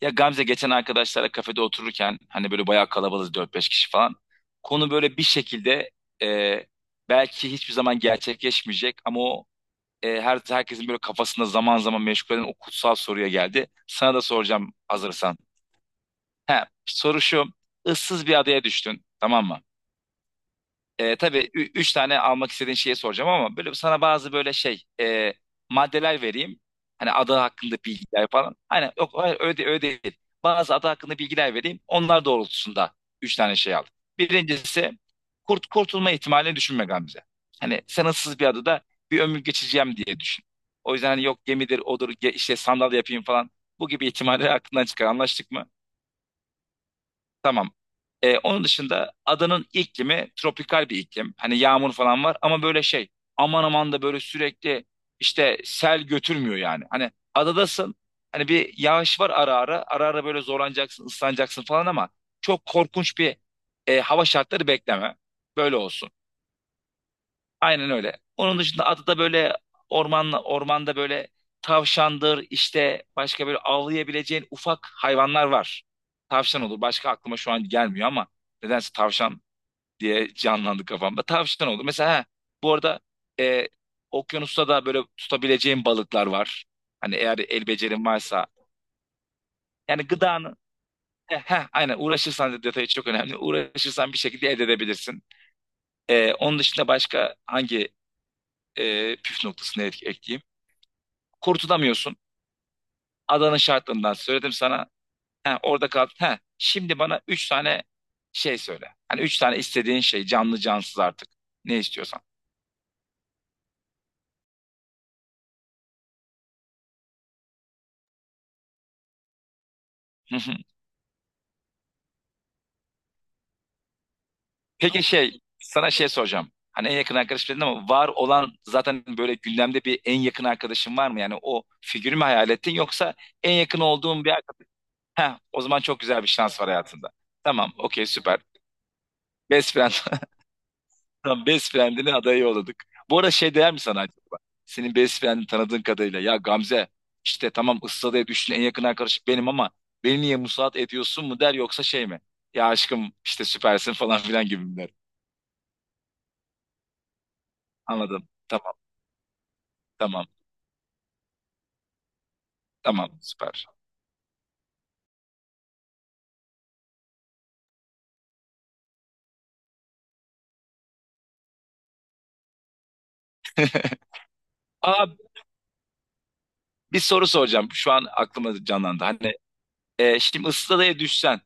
Ya Gamze geçen arkadaşlarla kafede otururken hani böyle bayağı kalabalığız dört beş kişi falan. Konu böyle bir şekilde e, belki hiçbir zaman gerçekleşmeyecek ama o herkesin böyle kafasında zaman zaman meşgul eden o kutsal soruya geldi. Sana da soracağım hazırsan. He, soru şu. Issız bir adaya düştün, tamam mı? Tabii üç tane almak istediğin şeyi soracağım ama böyle sana bazı böyle şey maddeler vereyim. Hani adı hakkında bilgiler falan. Hani yok, hayır, öyle, öyle değil. Bazı adı hakkında bilgiler vereyim. Onlar doğrultusunda üç tane şey al. Birincisi, kurtulma ihtimalini düşünme Gamze. Hani sen ıssız bir adada bir ömür geçireceğim diye düşün. O yüzden hani yok gemidir odur işte sandal yapayım falan. Bu gibi ihtimalleri aklından çıkar. Anlaştık mı? Tamam. Onun dışında adanın iklimi tropikal bir iklim. Hani yağmur falan var ama böyle şey, aman aman da böyle sürekli işte sel götürmüyor yani. Hani adadasın, hani bir yağış var, ara ara böyle zorlanacaksın, ıslanacaksın falan ama çok korkunç bir hava şartları bekleme. Böyle olsun. Aynen öyle. Onun dışında adı da böyle ormanda böyle tavşandır, işte başka böyle avlayabileceğin ufak hayvanlar var. Tavşan olur. Başka aklıma şu an gelmiyor ama nedense tavşan diye canlandı kafamda. Tavşan olur. Mesela ha, bu arada e, okyanusta da böyle tutabileceğin balıklar var. Hani eğer el becerin varsa. Yani gıdanı, aynen, uğraşırsan detayı çok önemli. Uğraşırsan bir şekilde elde edebilirsin. Onun dışında başka hangi püf noktasını ekleyeyim? Kurtulamıyorsun. Adanın şartlarından söyledim sana. He, orada kaldın. He, şimdi bana üç tane şey söyle. Hani üç tane istediğin şey, canlı cansız artık. Ne istiyorsan. Hı hı. Peki şey, sana şey soracağım. Hani en yakın arkadaş dedin ama var olan zaten, böyle gündemde bir en yakın arkadaşın var mı? Yani o figürü mü hayal ettin yoksa en yakın olduğun bir arkadaş? O zaman çok güzel bir şans var hayatında. Tamam, okey, süper. Best friend Tam best friend'ini adayı yolladık. Bu arada şey, değer mi sana acaba? Senin best friend'ini tanıdığın kadarıyla. Ya Gamze, işte tamam, ıssadaya düştün, en yakın arkadaşım benim ama beni niye musallat ediyorsun mu der yoksa şey mi? Ya aşkım işte süpersin falan filan gibi mi der? Anladım. Tamam, tamam, tamam, süper. Aa, bir soru soracağım. Şu an aklıma canlandı. Hani şimdi ıssadaya düşsen,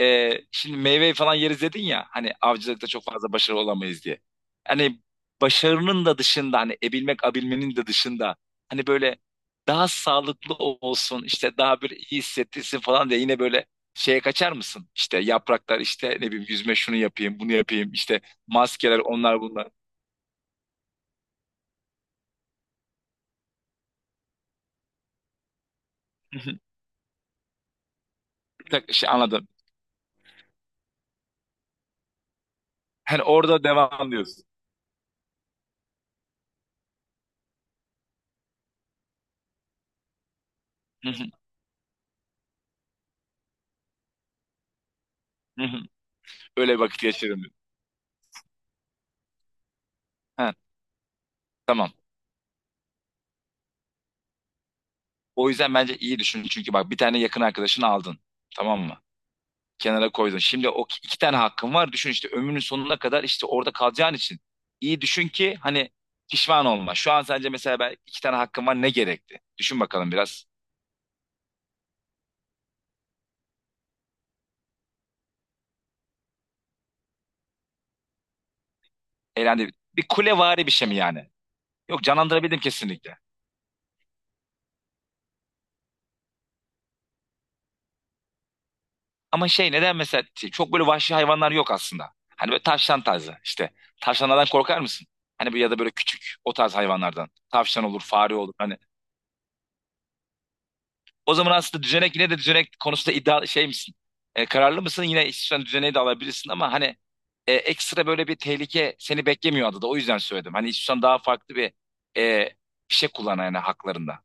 şimdi meyve falan yeriz dedin ya, hani avcılıkta çok fazla başarılı olamayız diye. Hani başarının da dışında, hani abilmenin de dışında, hani böyle daha sağlıklı olsun işte, daha böyle iyi hissettirsin falan diye yine böyle şeye kaçar mısın? İşte yapraklar, işte ne bileyim, yüzme, şunu yapayım bunu yapayım, işte maskeler, onlar bunlar. Hı hı. Bir dakika, şey anladım. Hani orada devam diyorsun. Hı hı, hı hı. Öyle vakit geçiririm. Ha, tamam. O yüzden bence iyi düşün. Çünkü bak, bir tane yakın arkadaşını aldın. Tamam mı? Kenara koydun. Şimdi o iki tane hakkın var. Düşün, işte ömrünün sonuna kadar işte orada kalacağın için. İyi düşün ki hani pişman olma. Şu an sence mesela ben iki tane hakkım var, ne gerekti? Düşün bakalım biraz. Eğlendi. Bir kulevari bir şey mi yani? Yok, canlandırabildim kesinlikle. Ama şey, neden mesela şey, çok böyle vahşi hayvanlar yok aslında. Hani böyle tavşan tarzı işte. Tavşanlardan korkar mısın? Hani böyle ya da böyle küçük o tarz hayvanlardan. Tavşan olur, fare olur. Hani o zaman aslında düzenek, yine de düzenek konusunda iddia şey misin? Kararlı mısın? Yine istiyorsan düzeneği de alabilirsin ama hani ekstra böyle bir tehlike seni beklemiyor adada. O yüzden söyledim. Hani istiyorsan daha farklı bir e, bir şey kullan yani haklarında.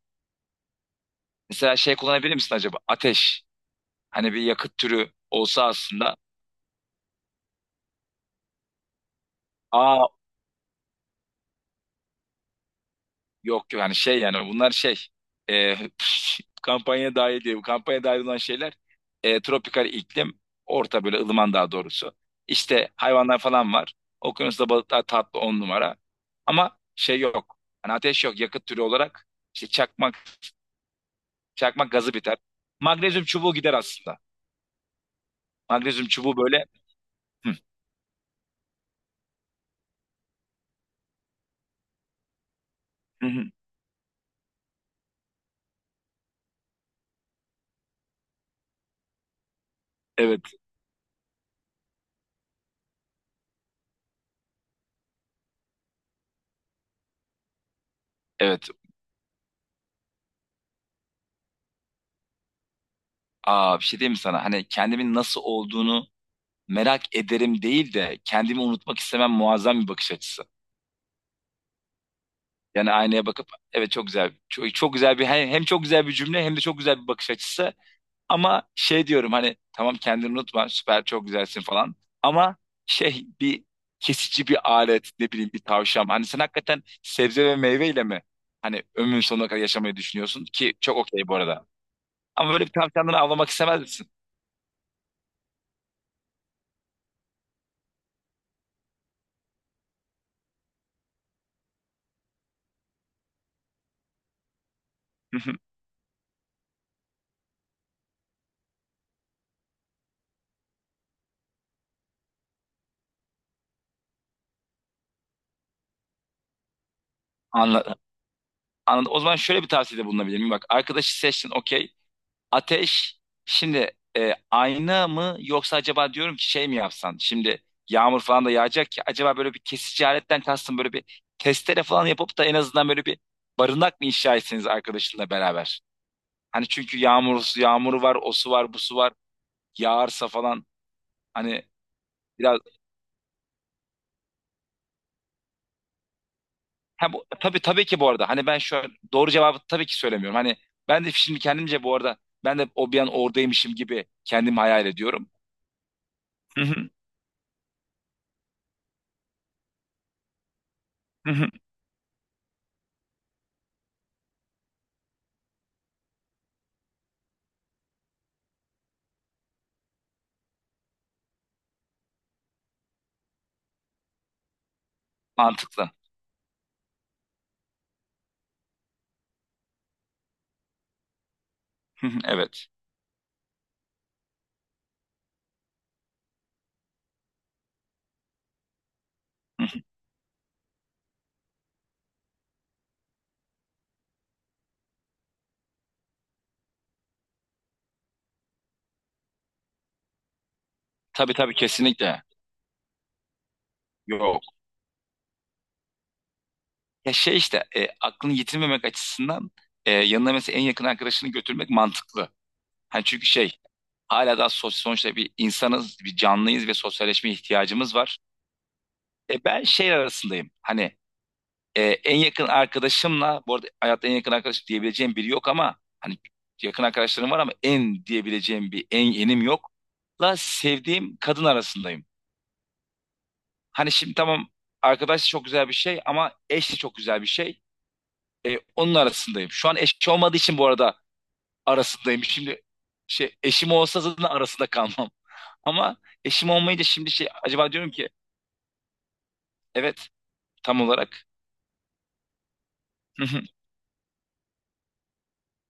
Mesela şey kullanabilir misin acaba? Ateş. Hani bir yakıt türü olsa aslında. Aa, yok yani, şey yani bunlar şey, e, kampanya dahil diye. Bu kampanya dahil olan şeyler, tropikal iklim, orta böyle ılıman daha doğrusu. İşte hayvanlar falan var. Okyanusta balıklar tatlı on numara. Ama şey yok. Hani ateş yok, yakıt türü olarak. İşte çakmak gazı biter. Magnezyum çubuğu gider aslında. Magnezyum çubuğu böyle. Hı, hı, hı. Evet, evet. Aa, bir şey diyeyim mi sana? Hani kendimin nasıl olduğunu merak ederim değil de, kendimi unutmak istemem muazzam bir bakış açısı. Yani aynaya bakıp evet, çok güzel, çok, çok güzel bir hem çok güzel bir cümle, hem de çok güzel bir bakış açısı, ama şey diyorum, hani tamam kendini unutma, süper, çok güzelsin falan, ama şey, bir kesici bir alet, ne bileyim bir tavşan, hani sen hakikaten sebze ve meyveyle mi hani ömrün sonuna kadar yaşamayı düşünüyorsun ki çok okey bu arada, ama böyle bir tavşandan avlamak istemez misin? Anladım. Anladım. O zaman şöyle bir tavsiyede bulunabilir miyim? Bak, arkadaşı seçtin okey. Ateş, şimdi ayna mı, yoksa acaba diyorum ki şey mi yapsan, şimdi yağmur falan da yağacak ki, acaba böyle bir kesici aletten kastım böyle bir testere falan yapıp da en azından böyle bir barınak mı inşa etseniz arkadaşınla beraber? Hani çünkü yağmuru var, o su var, bu su var. Yağarsa falan, hani biraz tabii tabii ki bu arada, hani ben şu an doğru cevabı tabii ki söylemiyorum. Hani ben de şimdi kendimce, bu arada ben de o bir an oradaymışım gibi kendimi hayal ediyorum. Hı hı, hı hı. Mantıklı. Hı hı. Evet. Tabii tabii, kesinlikle. Yok. Ya şey, işte aklını yitirmemek açısından yanına mesela en yakın arkadaşını götürmek mantıklı. Hani çünkü şey, hala daha sosyal, sonuçta bir insanız, bir canlıyız ve sosyalleşme ihtiyacımız var. Ben şey arasındayım. Hani en yakın arkadaşımla, bu arada hayatta en yakın arkadaş diyebileceğim biri yok ama hani yakın arkadaşlarım var, ama en diyebileceğim bir en yenim yok. La sevdiğim kadın arasındayım. Hani şimdi tamam, arkadaş çok güzel bir şey ama eş de çok güzel bir şey. Onun arasındayım. Şu an eşim olmadığı için, bu arada, arasındayım. Şimdi şey, eşim olsa zaten arasında kalmam. Ama eşim olmayınca şimdi şey acaba diyorum ki, evet, tam olarak. Hı hı.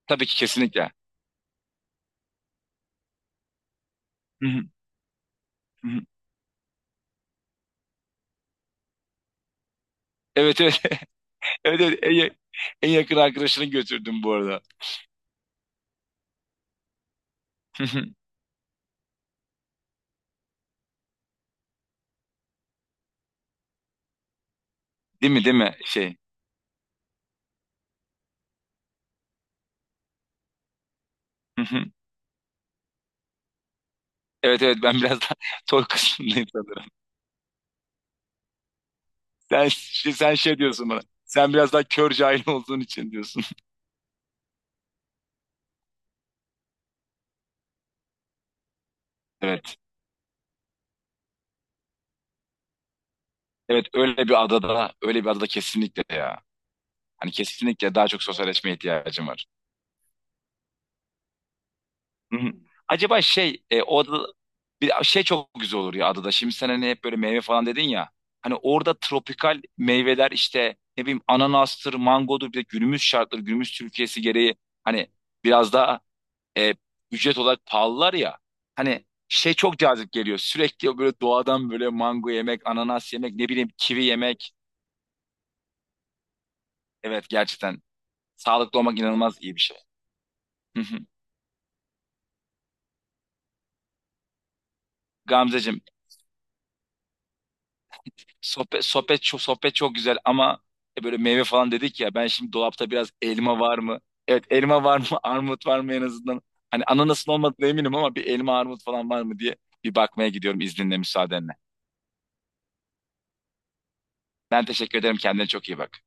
Tabii ki, kesinlikle. Hı hı, hı hı. Evet, evet, evet, evet. En yakın arkadaşını götürdüm bu arada. Hı hı. Değil mi, değil mi şey. Hı hı. Evet, evet, ben biraz daha toy kısmındayım sanırım. Sen şey diyorsun bana. Sen biraz daha kör cahil olduğun için diyorsun. Evet. Evet, öyle bir adada, öyle bir adada kesinlikle ya. Hani kesinlikle daha çok sosyalleşmeye ihtiyacım var. Hı hı. Acaba şey, o adada bir şey çok güzel olur ya adada. Şimdi sen hani hep böyle meyve falan dedin ya. Hani orada tropikal meyveler, işte ne bileyim, ananastır, mangodur, bir de günümüz şartları, günümüz Türkiye'si gereği hani biraz daha e, ücret olarak pahalılar ya. Hani şey çok cazip geliyor. Sürekli böyle doğadan böyle mango yemek, ananas yemek, ne bileyim kivi yemek. Evet, gerçekten sağlıklı olmak inanılmaz iyi bir şey. Hı hı. Gamzeciğim, sohbet çok güzel ama böyle meyve falan dedik ya, ben şimdi dolapta biraz elma var mı? Evet, elma var mı? Armut var mı en azından? Hani ananasın olmadığına eminim ama bir elma armut falan var mı diye bir bakmaya gidiyorum, izninle, müsaadenle. Ben teşekkür ederim, kendine çok iyi bak.